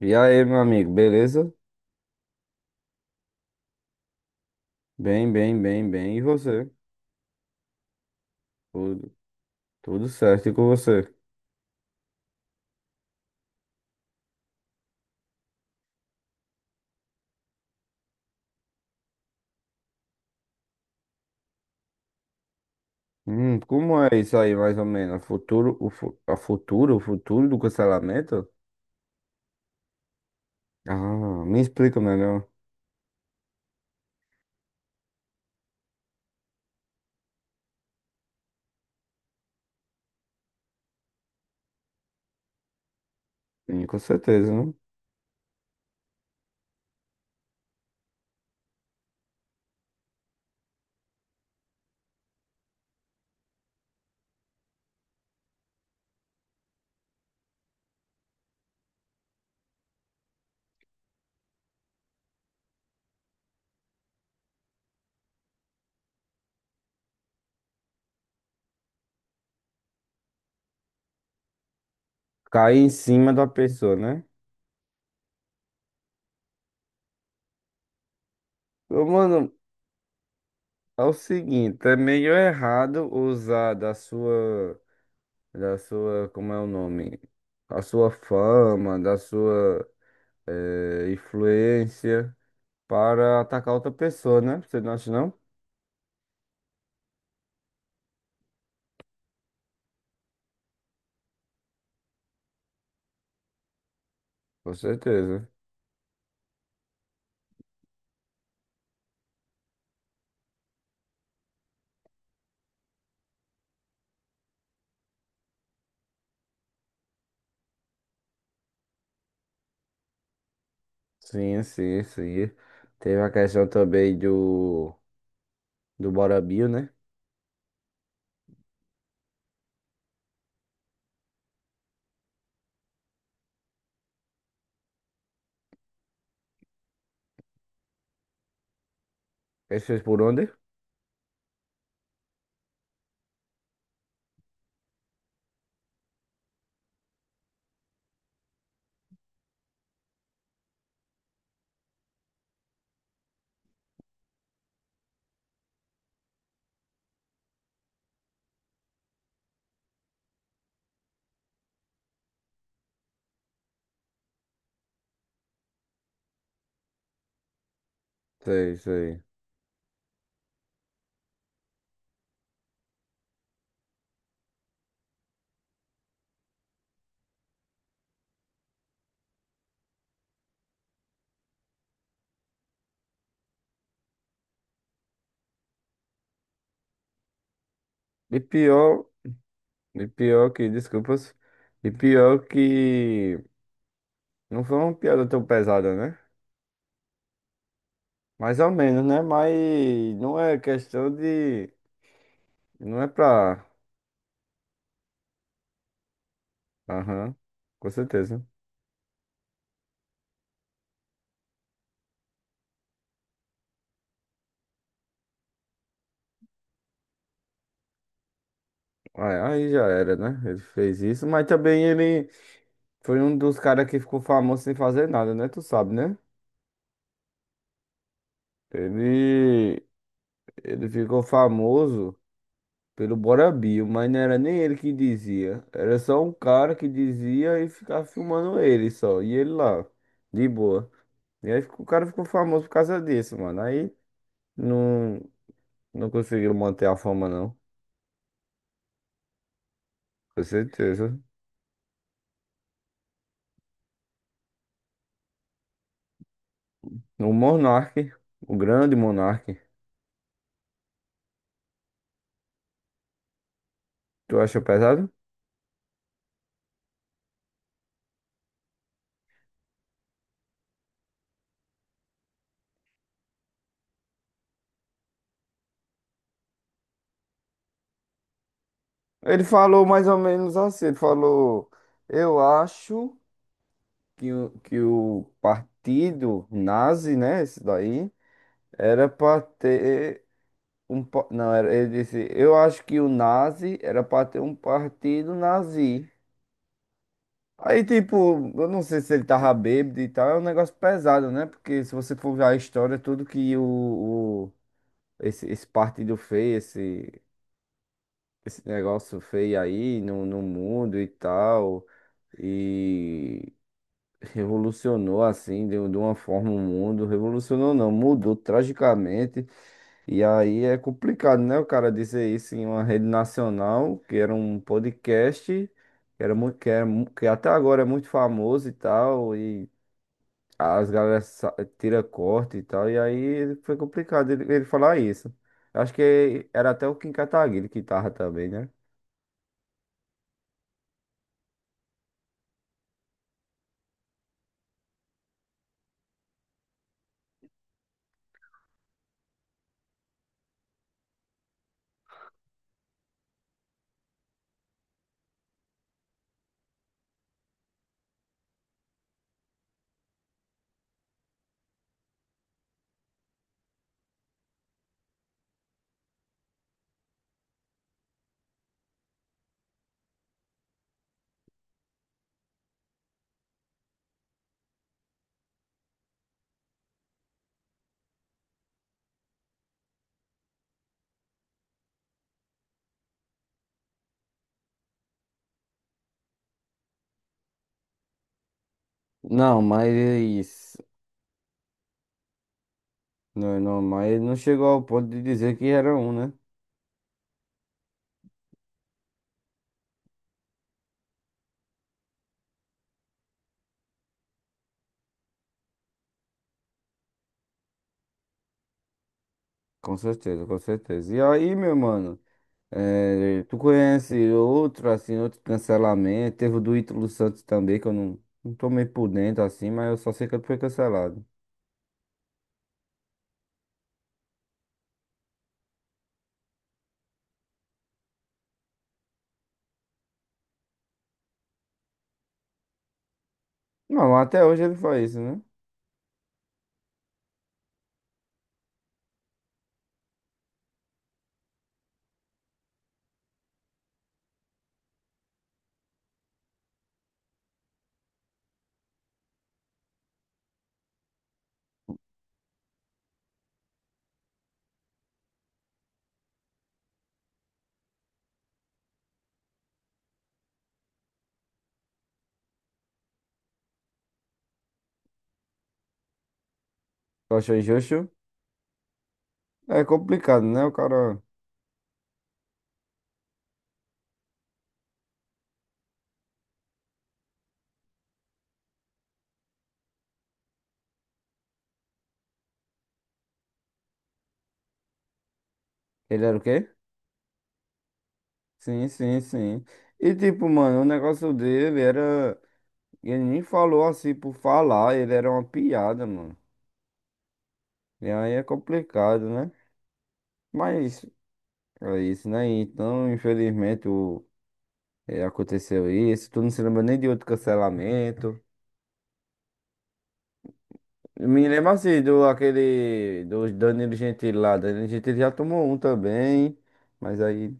E aí, meu amigo, beleza? Bem, bem, bem, bem. E você? Tudo, tudo certo e com você? Como é isso aí, mais ou menos? A Futuro, o, a futuro, o futuro do cancelamento? Ah, me explica melhor. Sim, com certeza, né? Cair em cima da pessoa, né? Ô, mano, é o seguinte, é meio errado usar da sua, como é o nome? A sua fama, da sua, influência para atacar outra pessoa, né? Você não acha, não? Com certeza. Sim, sim, sim. Teve a questão também do, do Bora Bill, né? Ele fez por onde? Sei, sei. E pior, e pior que, desculpas, e pior que não foi uma piada tão pesada, né? Mais ou menos, né? Mas não é questão de. Não é pra. Aham, com certeza. Aí aí já era, né? Ele fez isso, mas também ele. Foi um dos caras que ficou famoso sem fazer nada, né? Tu sabe, né? Ele, ele ficou famoso pelo Bora Bill, mas não era nem ele que dizia. Era só um cara que dizia e ficava filmando ele só. E ele lá, de boa. E aí o cara ficou famoso por causa disso, mano. Aí não, não conseguiram manter a fama, não. Com certeza. O Monark, o grande Monark. Tu acha pesado? Ele falou mais ou menos assim, ele falou, eu acho que o partido nazi, né, esse daí, era para ter um, não, era, ele disse, eu acho que o nazi era para ter um partido nazi. Aí, tipo, eu não sei se ele tava bêbado e tal, é um negócio pesado, né? Porque se você for ver a história, tudo que o, o- esse, esse partido fez, esse negócio feio aí no, no mundo e tal, revolucionou assim, deu de uma forma o mundo. Revolucionou não, mudou tragicamente. E aí é complicado, né? O cara dizer isso em uma rede nacional, que era um podcast, que era muito, que, que até agora é muito famoso e tal, e as galera tira corte e tal. E aí foi complicado ele, ele falar isso. Acho que era até o Kim Kataguiri que tava também, né? Não, mas não, não, mas ele não chegou ao ponto de dizer que era um, né? Com certeza, com certeza. E aí, meu mano, tu conhece outro, assim, outro cancelamento? Teve o do Ítalo Santos também, que eu não, não tô meio por dentro, assim, mas eu só sei que ele foi cancelado. Não, mas até hoje ele faz isso, né? Tu acha injusto? É complicado, né? O cara. Ele era o quê? Sim, sim, sim. E tipo, mano, o negócio dele era. Ele nem falou assim por falar, ele era uma piada, mano. E aí é complicado, né? Mas é isso, né? Então, infelizmente, o é aconteceu isso. Tu não se lembra nem de outro cancelamento. Eu me lembro assim do aquele do Danilo Gentili lá. Danilo Gentili já tomou um também. Mas aí,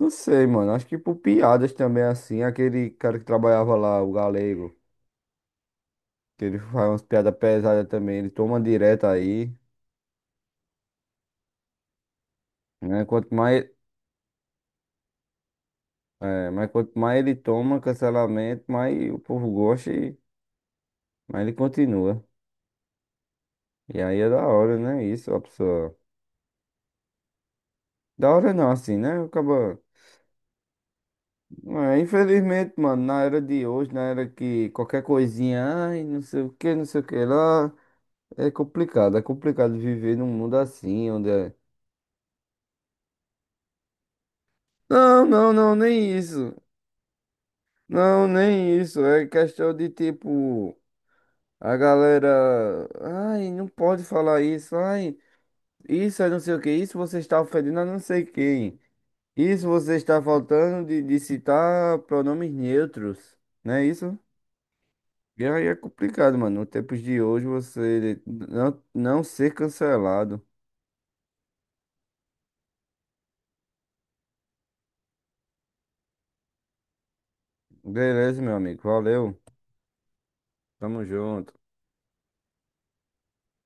não sei, mano. Acho que por piadas também, assim. Aquele cara que trabalhava lá, o Galego, que ele faz umas piadas pesadas também. Ele toma direto aí, né? Quanto mais, é, mas quanto mais ele toma cancelamento, mais o povo gosta e mais ele continua. E aí é da hora, né? Isso, a pessoa. Da hora não, assim, né? Acaba. É, infelizmente, mano, na era de hoje, na era que qualquer coisinha, ai, não sei o que, não sei o que lá, é complicado viver num mundo assim, onde é. Não, não, não, nem isso. Não, nem isso. É questão de tipo, a galera, ai, não pode falar isso, ai, isso é não sei o que, isso você está ofendendo a não sei quem. Isso você está faltando de citar pronomes neutros, não é isso? E aí é complicado, mano. Nos tempos de hoje você não, não ser cancelado. Beleza, meu amigo. Valeu. Tamo junto.